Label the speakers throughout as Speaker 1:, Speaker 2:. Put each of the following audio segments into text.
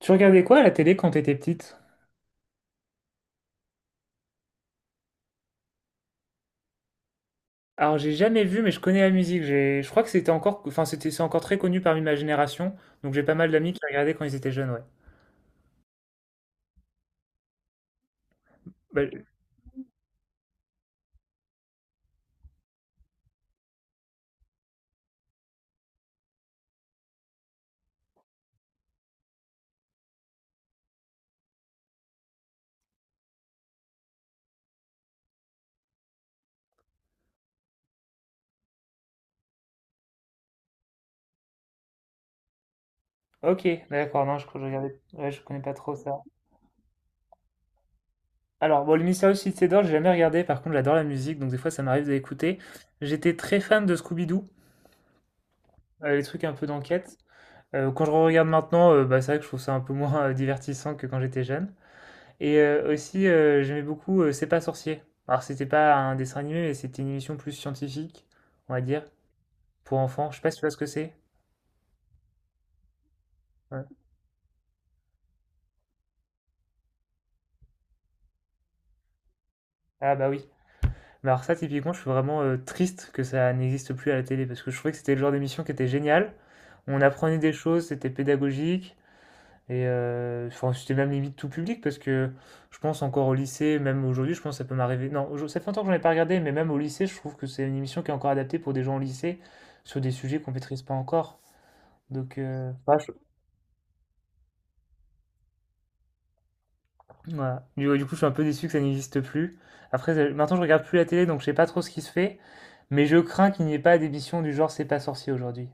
Speaker 1: Tu regardais quoi à la télé quand t'étais petite? Alors j'ai jamais vu, mais je connais la musique. Je crois que c'était encore, c'est encore très connu parmi ma génération. Donc j'ai pas mal d'amis qui regardaient quand ils étaient jeunes, ouais. Bah, ok, d'accord. Non, je regardais, ouais, je connais pas trop ça. Alors bon, le Mystérieux Cité d'Or, j'ai jamais regardé. Par contre, j'adore la musique, donc des fois ça m'arrive de l'écouter. J'étais très fan de Scooby-Doo, les trucs un peu d'enquête. Quand je regarde maintenant, bah, c'est vrai que je trouve ça un peu moins divertissant que quand j'étais jeune. Et aussi, j'aimais beaucoup C'est pas sorcier. Alors, c'était pas un dessin animé, mais c'était une émission plus scientifique, on va dire, pour enfants. Je sais pas si tu vois ce que c'est. Ouais. Ah bah oui. Mais alors ça, typiquement, je suis vraiment triste que ça n'existe plus à la télé, parce que je trouvais que c'était le genre d'émission qui était génial. On apprenait des choses, c'était pédagogique, et enfin, c'était même limite tout public, parce que je pense encore au lycée, même aujourd'hui, je pense que ça peut m'arriver. Non, ça fait longtemps que j'en ai pas regardé, mais même au lycée, je trouve que c'est une émission qui est encore adaptée pour des gens au lycée, sur des sujets qu'on maîtrise pas encore. Donc, bah, je voilà. Du Ouais, du coup, je suis un peu déçu que ça n'existe plus. Après, maintenant, je regarde plus la télé, donc je sais pas trop ce qui se fait, mais je crains qu'il n'y ait pas d'émission du genre «C'est pas sorcier» aujourd'hui.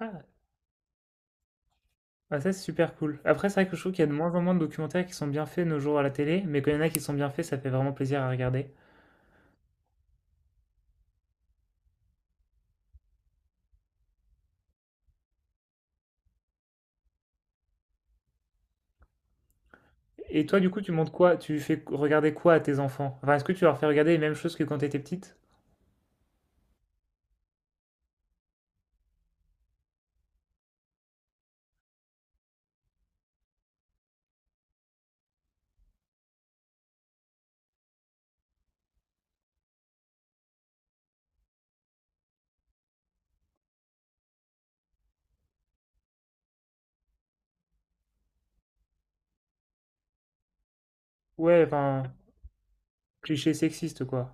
Speaker 1: Ah! Bah, ça, c'est super cool. Après, c'est vrai que je trouve qu'il y a de moins en moins de documentaires qui sont bien faits de nos jours à la télé, mais quand il y en a qui sont bien faits, ça fait vraiment plaisir à regarder. Et toi, du coup, tu montres quoi? Tu fais regarder quoi à tes enfants? Enfin, est-ce que tu leur fais regarder les mêmes choses que quand t'étais petite? Ouais, enfin, cliché sexiste, quoi.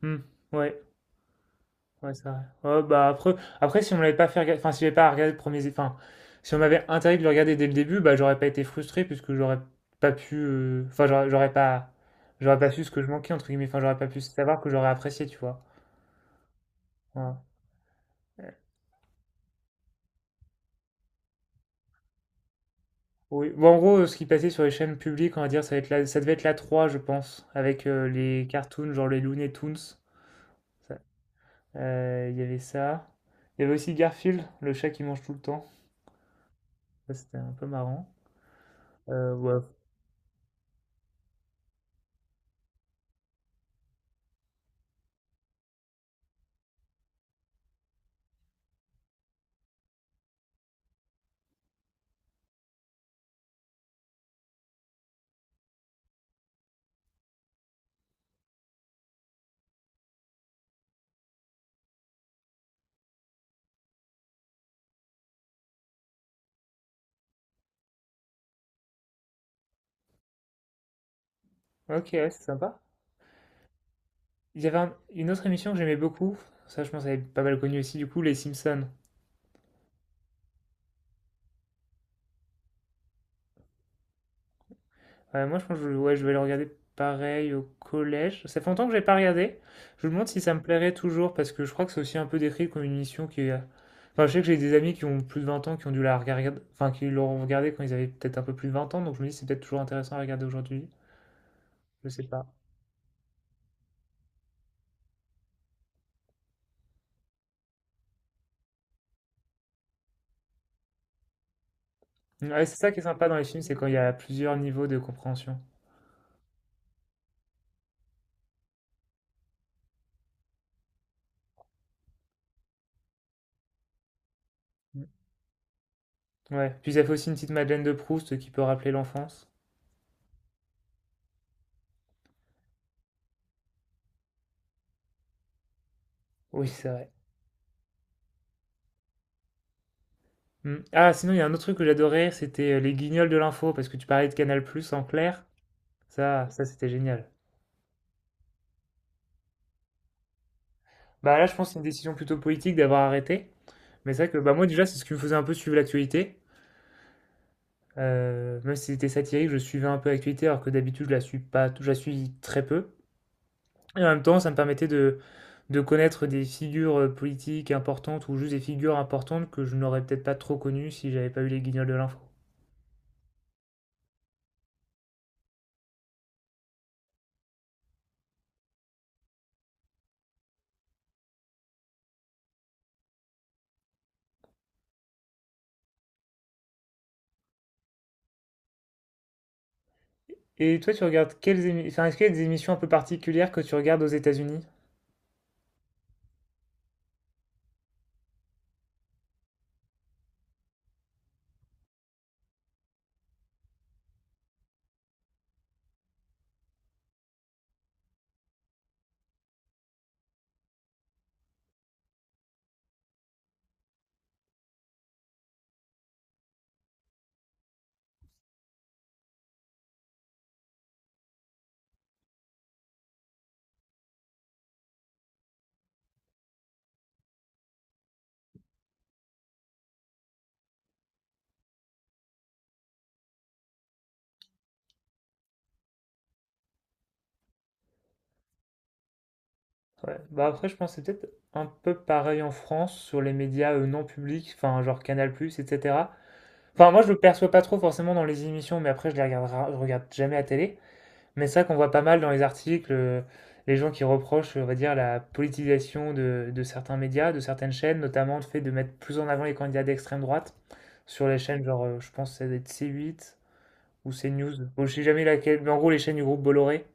Speaker 1: Hmm, ouais. Ouais, c'est vrai. Ouais, bah après, si on m'avait pas fait regarder, enfin, si j'avais pas regardé le premier, enfin, si on m'avait interdit de le regarder dès le début, bah, j'aurais pas été frustré puisque j'aurais pas pu, enfin, j'aurais pas, j'aurais pas su ce que je manquais, entre guillemets, enfin, j'aurais pas pu savoir que j'aurais apprécié, tu vois. Voilà. Euh, Oui. Bon, en gros, ce qui passait sur les chaînes publiques, on va dire, ça devait être la 3 je pense, avec les cartoons, genre les Looney Tunes. Ça- Il y avait ça. Il y avait aussi Garfield, le chat qui mange tout le temps. Ça, c'était un peu marrant. Ouais. Ok, ouais, c'est sympa. Il y avait une autre émission que j'aimais beaucoup, ça je pense elle est pas mal connue aussi du coup, Les Simpsons. Ouais, moi je pense que ouais, je vais le regarder pareil au collège. Ça fait longtemps que j'ai pas regardé. Je me demande si ça me plairait toujours parce que je crois que c'est aussi un peu décrit comme une émission qui est... Enfin je sais que j'ai des amis qui ont plus de 20 ans qui ont dû la regarder, enfin qui l'ont regardée quand ils avaient peut-être un peu plus de 20 ans, donc je me dis c'est peut-être toujours intéressant à regarder aujourd'hui. Je sais pas. Ouais, c'est ça qui est sympa dans les films, c'est quand il y a plusieurs niveaux de compréhension. Ouais, puis ça fait aussi une petite Madeleine de Proust qui peut rappeler l'enfance. Oui, c'est vrai. Mm. Ah, sinon, il y a un autre truc que j'adorais, c'était les guignols de l'info, parce que tu parlais de Canal+, en clair. Ça c'était génial. Bah là, je pense que c'est une décision plutôt politique d'avoir arrêté. Mais c'est vrai que bah, moi, déjà, c'est ce qui me faisait un peu suivre l'actualité. Même si c'était satirique, je suivais un peu l'actualité, alors que d'habitude, je la suis pas, je la suis très peu. Et en même temps, ça me permettait de connaître des figures politiques importantes ou juste des figures importantes que je n'aurais peut-être pas trop connues si j'avais pas eu les guignols de l'info. Et toi, tu regardes enfin, est-ce qu'il y a des émissions un peu particulières que tu regardes aux États-Unis? Ouais. Bah après, je pense que c'est peut-être un peu pareil en France sur les médias non publics, enfin genre Canal+, etc. Enfin, moi, je le perçois pas trop forcément dans les émissions, mais après, je regarde jamais à télé. Mais c'est vrai qu'on voit pas mal dans les articles les gens qui reprochent, on va dire, la politisation de certains médias, de certaines chaînes, notamment le fait de mettre plus en avant les candidats d'extrême droite sur les chaînes, genre, je pense que ça doit être C8 ou CNews. Bon, je sais jamais laquelle, mais en gros, les chaînes du groupe Bolloré.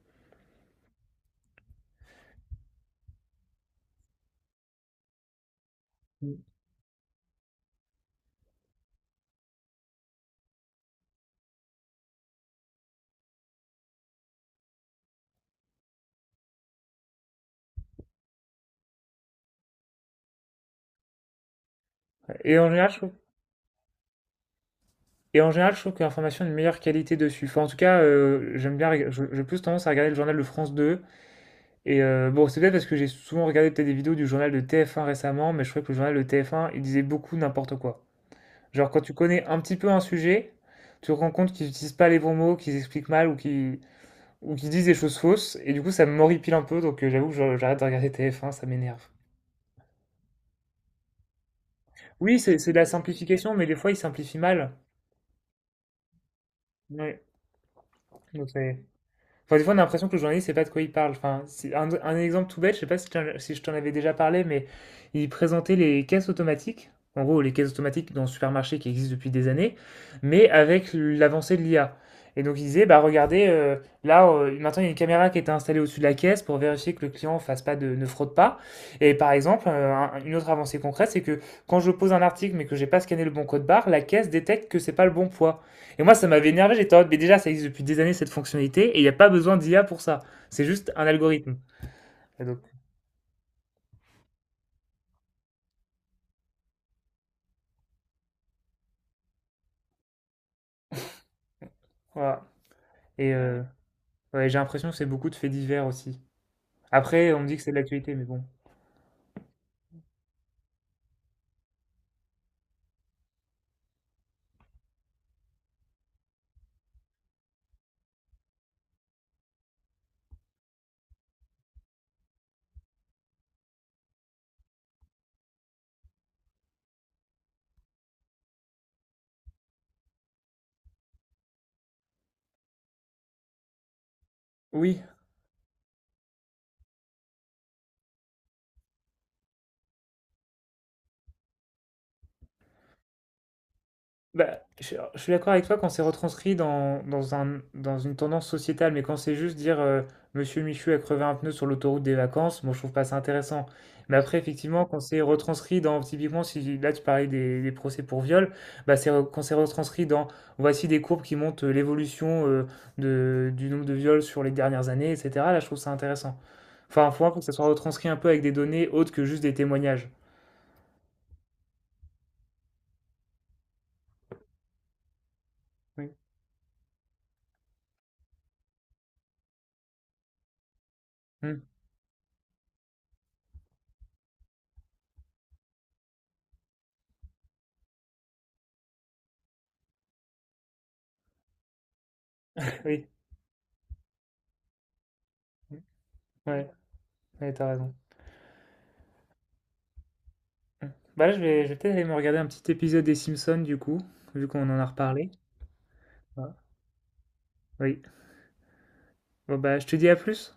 Speaker 1: Et en général, je trouve Et en général, je trouve que l'information a une meilleure qualité dessus. Enfin, en tout cas, j'aime bien, j'ai plus tendance à regarder le journal de France 2. Et bon, c'est peut-être parce que j'ai souvent regardé peut-être des vidéos du journal de TF1 récemment, mais je trouvais que le journal de TF1, il disait beaucoup n'importe quoi. Genre, quand tu connais un petit peu un sujet, tu te rends compte qu'ils n'utilisent pas les bons mots, qu'ils expliquent mal ou qu'ils disent des choses fausses. Et du coup, ça m'horripile un peu, donc j'avoue que j'arrête de regarder TF1, ça m'énerve. Oui, c'est de la simplification, mais des fois, ils simplifient mal. Ouais. Donc, c'est- Enfin, des fois, on a l'impression que le journaliste ne sait pas de quoi il parle. Enfin, c'est un exemple tout bête, je ne sais pas si je t'en avais déjà parlé, mais il présentait les caisses automatiques. En gros, les caisses automatiques dans le supermarché qui existent depuis des années, mais avec l'avancée de l'IA. Et donc, il disait, bah regardez, là, maintenant, il y a une caméra qui est installée au-dessus de la caisse pour vérifier que le client fasse pas de, ne fraude pas. Et par exemple, une autre avancée concrète, c'est que quand je pose un article mais que j'ai pas scanné le bon code barre, la caisse détecte que c'est pas le bon poids. Et moi, ça m'avait énervé, j'étais en mode, mais déjà, ça existe depuis des années cette fonctionnalité, et il n'y a pas besoin d'IA pour ça. C'est juste un algorithme. Et donc, voilà. Et ouais, j'ai l'impression que c'est beaucoup de faits divers aussi. Après, on me dit que c'est de l'actualité, mais bon. Oui, bah, je suis d'accord avec toi quand c'est retranscrit dans un, dans une tendance sociétale, mais quand c'est juste dire Monsieur Michu a crevé un pneu sur l'autoroute des vacances, moi je trouve pas ça intéressant. Mais après, effectivement, quand c'est retranscrit dans, typiquement, si là tu parlais des procès pour viol, bah, quand c'est retranscrit dans voici des courbes qui montrent l'évolution du nombre de viols sur les dernières années, etc. Là, je trouve ça intéressant. Enfin, faut un peu que ça soit retranscrit un peu avec des données autres que juste des témoignages. Oui. Hmm. Oui. Mmh. Ouais, ouais, t'as raison. Mmh. Bah là, je vais peut-être aller me regarder un petit épisode des Simpsons, du coup, vu qu'on en a reparlé. Ah, oui. Bon, bah, je te dis à plus.